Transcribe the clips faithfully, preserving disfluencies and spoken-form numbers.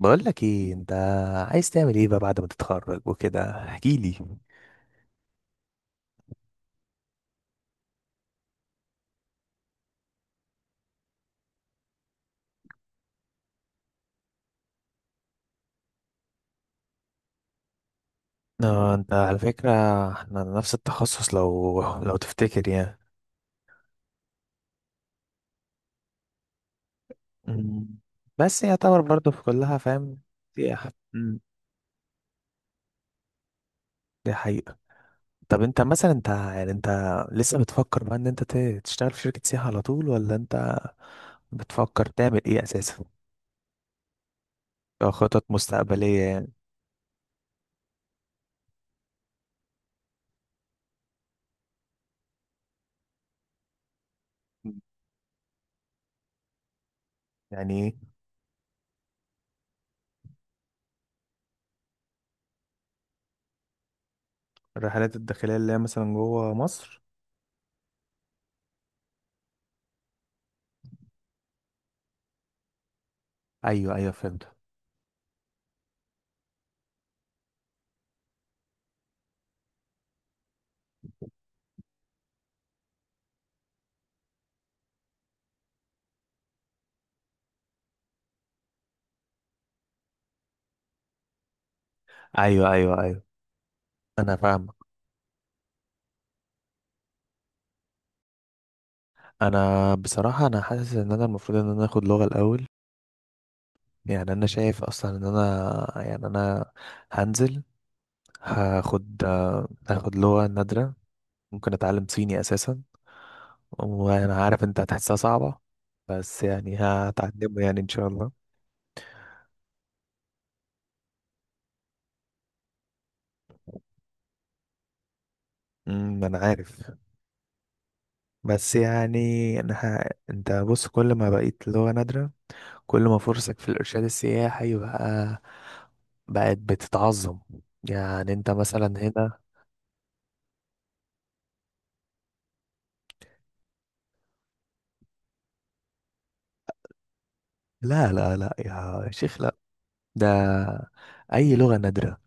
بقول لك ايه انت؟ عايز تعمل ايه بقى بعد ما تتخرج وكده، احكي لي. آه، انت على فكرة احنا نفس التخصص، لو لو تفتكر يعني. مم. بس يعتبر برضه في كلها فاهم. دي ح- مم، دي حقيقة. طب انت مثلا، انت يعني انت لسه بتفكر بقى ان انت ت- تشتغل في شركة سياحة على طول، ولا انت بتفكر تعمل ايه اساسا؟ كخطط مستقبليه يعني. يعني ايه؟ الرحلات الداخلية اللي هي مثلا جوه مصر. ايوه ايوه فهمت. ايوه ايوه ايوه، انا فاهم. انا بصراحة، انا حاسس ان انا المفروض ان انا اخد لغة الاول. يعني انا شايف اصلا ان انا يعني انا هنزل، هاخد هاخد لغة نادرة. ممكن اتعلم صيني اساسا. وانا عارف انت هتحسها صعبة، بس يعني هتعلمه يعني ان شاء الله. امم انا عارف، بس يعني انا ه... انت بص، كل ما بقيت لغة نادرة، كل ما فرصك في الارشاد السياحي بقى بقت بتتعظم. يعني انت مثلا هنا. لا لا لا يا شيخ، لا، ده اي لغة نادرة.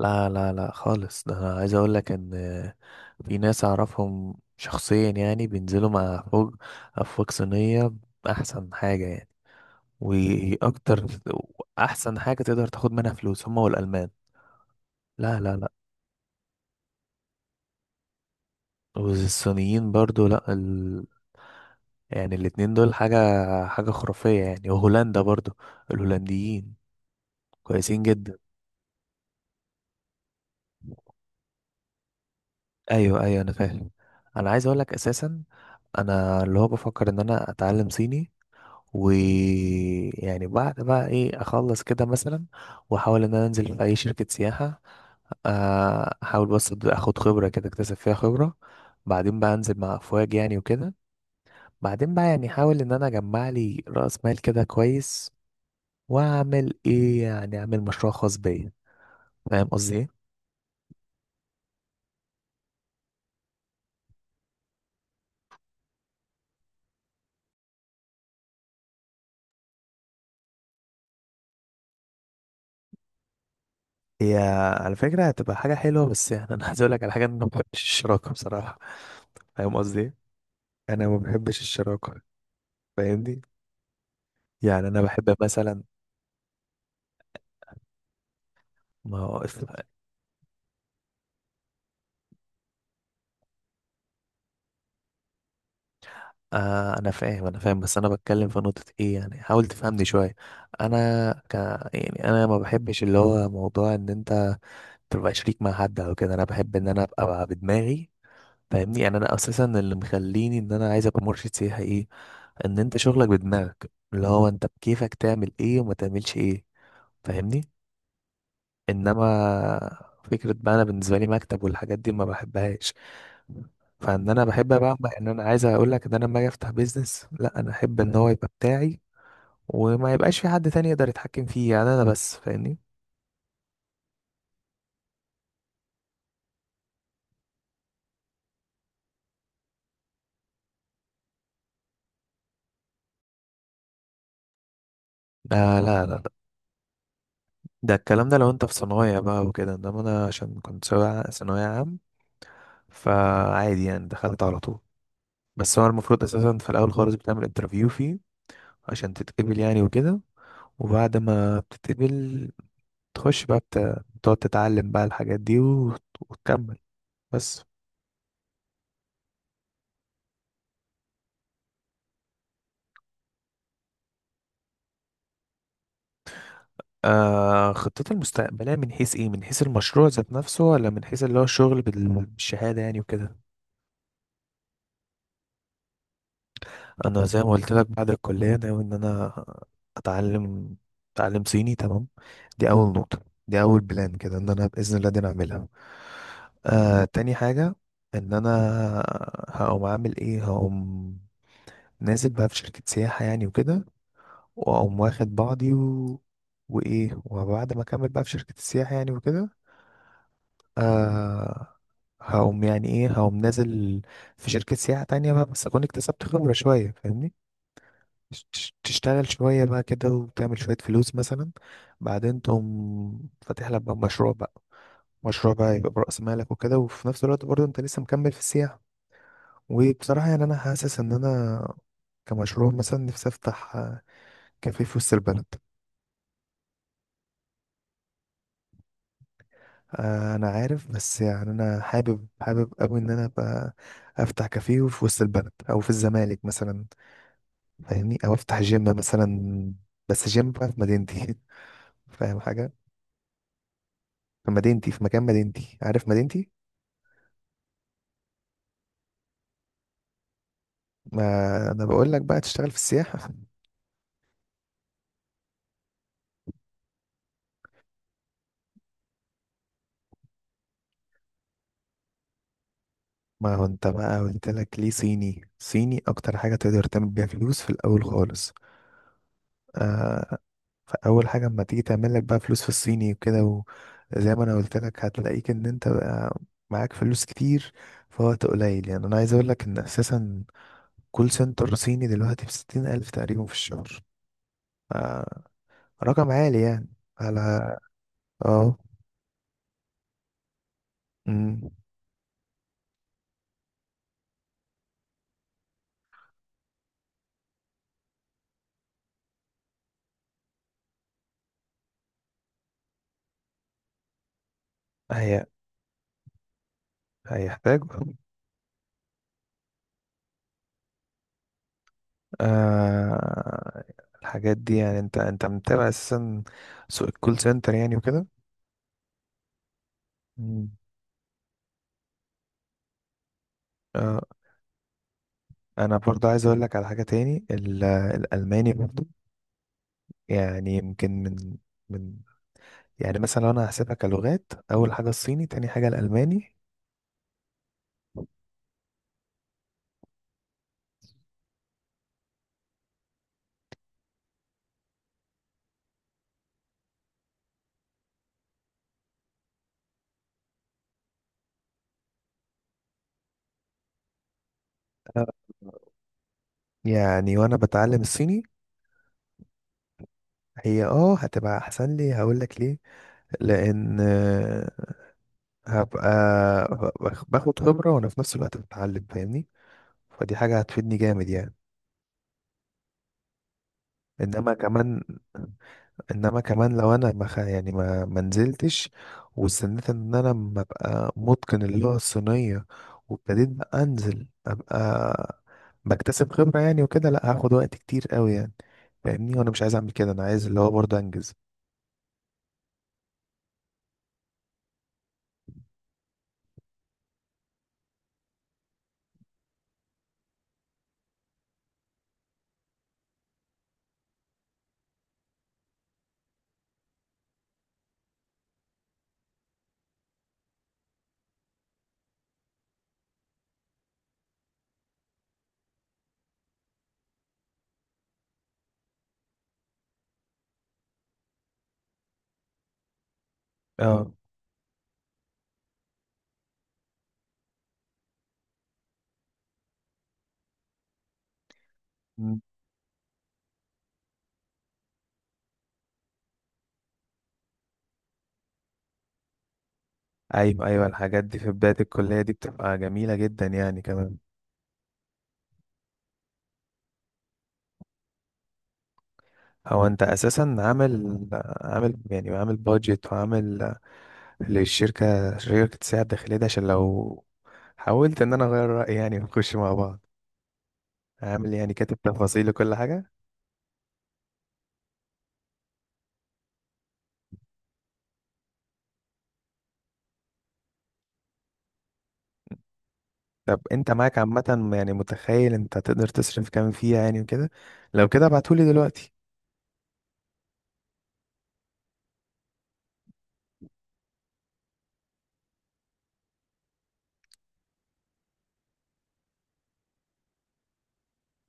لا لا لا خالص، ده انا عايز اقول لك ان في ناس اعرفهم شخصيا يعني بينزلوا مع فوق افواج صينية. احسن حاجة يعني، واكتر. احسن حاجة تقدر تاخد منها فلوس هما والالمان. لا لا لا. والصينيين برضو، لا ال... يعني الاتنين دول حاجة حاجة خرافية يعني. وهولندا برضو، الهولنديين كويسين جدا. ايوه ايوه انا فاهم. انا عايز اقول لك اساسا، انا اللي هو بفكر ان انا اتعلم صيني. ويعني بعد بقى ايه، اخلص كده مثلا، واحاول ان انا انزل في اي شركة سياحة. آه، احاول بس أد- اخد خبرة، كده اكتسب فيها خبرة. بعدين بقى انزل مع افواج يعني وكده. بعدين بقى يعني احاول ان انا اجمع لي رأس مال كده كويس. واعمل ايه يعني، اعمل مشروع خاص بيا. فاهم قصدي ايه؟ هي على فكرة هتبقى حاجة حلوة، بس يعني انا عايز اقول لك على حاجة، إن انا ما بحبش الشراكة بصراحة. فاهم قصدي ايه؟ انا ما بحبش الشراكة، فاهمني. يعني انا بحب مثلا ما هو اس- آه، انا فاهم انا فاهم، بس انا بتكلم في نقطة ايه، يعني حاول تفهمني شوية. انا ك يعني انا ما بحبش اللي هو موضوع ان انت تبقى شريك مع حد او كده. انا بحب ان انا ابقى بدماغي، فاهمني. يعني انا اساسا اللي مخليني ان انا عايز ابقى مرشد سياحي، ايه ان انت شغلك بدماغك، اللي هو انت بكيفك تعمل ايه وما تعملش ايه. فاهمني. انما فكرة بقى انا بالنسبة لي مكتب والحاجات دي ما بحبهاش. فان انا بحب بقى، ان انا عايز اقول لك ان انا لما اجي افتح بيزنس، لا انا احب ان هو يبقى بتاعي. وما يبقاش في حد تاني يقدر يتحكم فيه، يعني انا بس، فاهمني. لا لا لا لا. ده الكلام ده لو انت في صنايع بقى وكده. انما انا عشان كنت ثانوية ثانوية عام، فعادي يعني، دخلت على طول. بس هو المفروض اساسا في الاول خالص بتعمل انترفيو فيه عشان تتقبل يعني وكده. وبعد ما بتتقبل، تخش بقى بت- بتقعد تتعلم بقى الحاجات دي وت- وتكمل بس. آه، خطتي المستقبلية من حيث ايه؟ من حيث المشروع ذات نفسه، ولا من حيث اللي هو الشغل بال- بالشهادة يعني وكده؟ انا زي ما قلت لك، بعد الكلية ناوي ان انا اتعلم اتعلم صيني تمام. دي اول نقطة. دي اول بلان كده، ان انا بإذن الله دي نعملها. آه، تاني حاجة، ان انا هقوم اعمل ايه، هقوم نازل بقى في شركة سياحة يعني وكده. واقوم واخد بعضي و... وايه، وبعد ما اكمل بقى في شركة السياحة يعني وكده. آه، هقوم يعني ايه، هقوم نازل في شركة سياحة تانية بقى، بس اكون اكتسبت خبرة شوية فاهمني. تش- تش- تشتغل شوية بقى كده وتعمل شوية فلوس مثلا. بعدين تقوم فاتح لك بقى مشروع بقى، مشروع بقى يبقى برأس مالك وكده. وفي نفس الوقت برضه انت لسه مكمل في السياحة. وبصراحة يعني انا حاسس ان انا كمشروع مثلا نفسي افتح آه، كافيه في وسط البلد. آه، انا عارف، بس يعني انا حابب حابب قوي ان انا ابقى افتح كافيه في وسط البلد او في الزمالك مثلا. فاهمني، او افتح جيم مثلا، بس جيم بقى في مدينتي. فاهم حاجه؟ في مدينتي، في مكان مدينتي، عارف مدينتي. ما انا بقول لك بقى تشتغل في السياحه. ما هو انت بقى قلت لك ليه، صيني صيني اكتر حاجه تقدر تعمل بيها فلوس في الاول خالص. آه، فاول حاجه اما تيجي تعمل لك بقى فلوس في الصيني وكده، وزي ما انا قلت لك، هتلاقيك ان انت بقى معاك فلوس كتير في وقت قليل. يعني انا عايز اقول لك ان اساسا، كول سنتر صيني دلوقتي بستين الف تقريبا في الشهر. آه، رقم عالي يعني، على... اه. أمم. هي هيحتاج. آه... الحاجات دي، يعني انت انت متابع اساسا سوق الكول سنتر يعني وكده. أمم. آه... انا برضه عايز اقول لك على حاجة تاني ال... الالماني برضه. يعني يمكن من من يعني مثلا، لو انا هحسبها كلغات، اول حاجة الصيني، تاني حاجة الالماني. يعني وانا بتعلم الصيني هي اه هتبقى احسن لي، هقول لك ليه. لان آه، هبقى باخ- باخد خبرة وانا في نفس الوقت بتعلم، فاهمني. فدي حاجة هتفيدني جامد يعني. انما كمان، انما كمان لو انا ما خ- يعني ما ما نزلتش، واستنيت ان انا ما ابقى متقن اللغه الصينيه، وابتديت بقى انزل ابقى بكتسب خبره يعني وكده، لا هاخد وقت كتير قوي يعني. فاهمني، وانا مش عايز اعمل كده، انا عايز اللي هو برضه انجز. اه. مم. ايوه ايوه، الحاجات دي في بدايه الكليه دي بتبقى جميله جدا يعني كمان. هو انت اساسا عامل عامل يعني، عامل بادجت، وعامل للشركه، شركه السياحه الداخليه دي؟ عشان لو حاولت ان انا اغير رايي يعني ونخش مع بعض، عامل يعني كاتب تفاصيل وكل حاجه؟ طب انت معاك عامه يعني، متخيل انت تقدر تصرف كام فيها يعني وكده؟ لو كده ابعتهولي دلوقتي.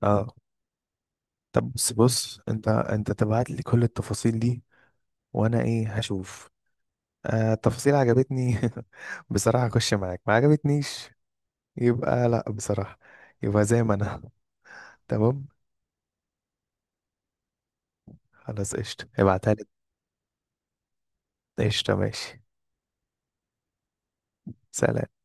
اه. طب بص بص، انت انت تبعت لي كل التفاصيل دي، وانا ايه، هشوف. آه التفاصيل عجبتني، بصراحه اخش معاك. ما عجبتنيش يبقى، لا بصراحه، يبقى زي ما انا. تمام، خلاص قشطه، ابعتها لي. قشطه، ماشي، سلام.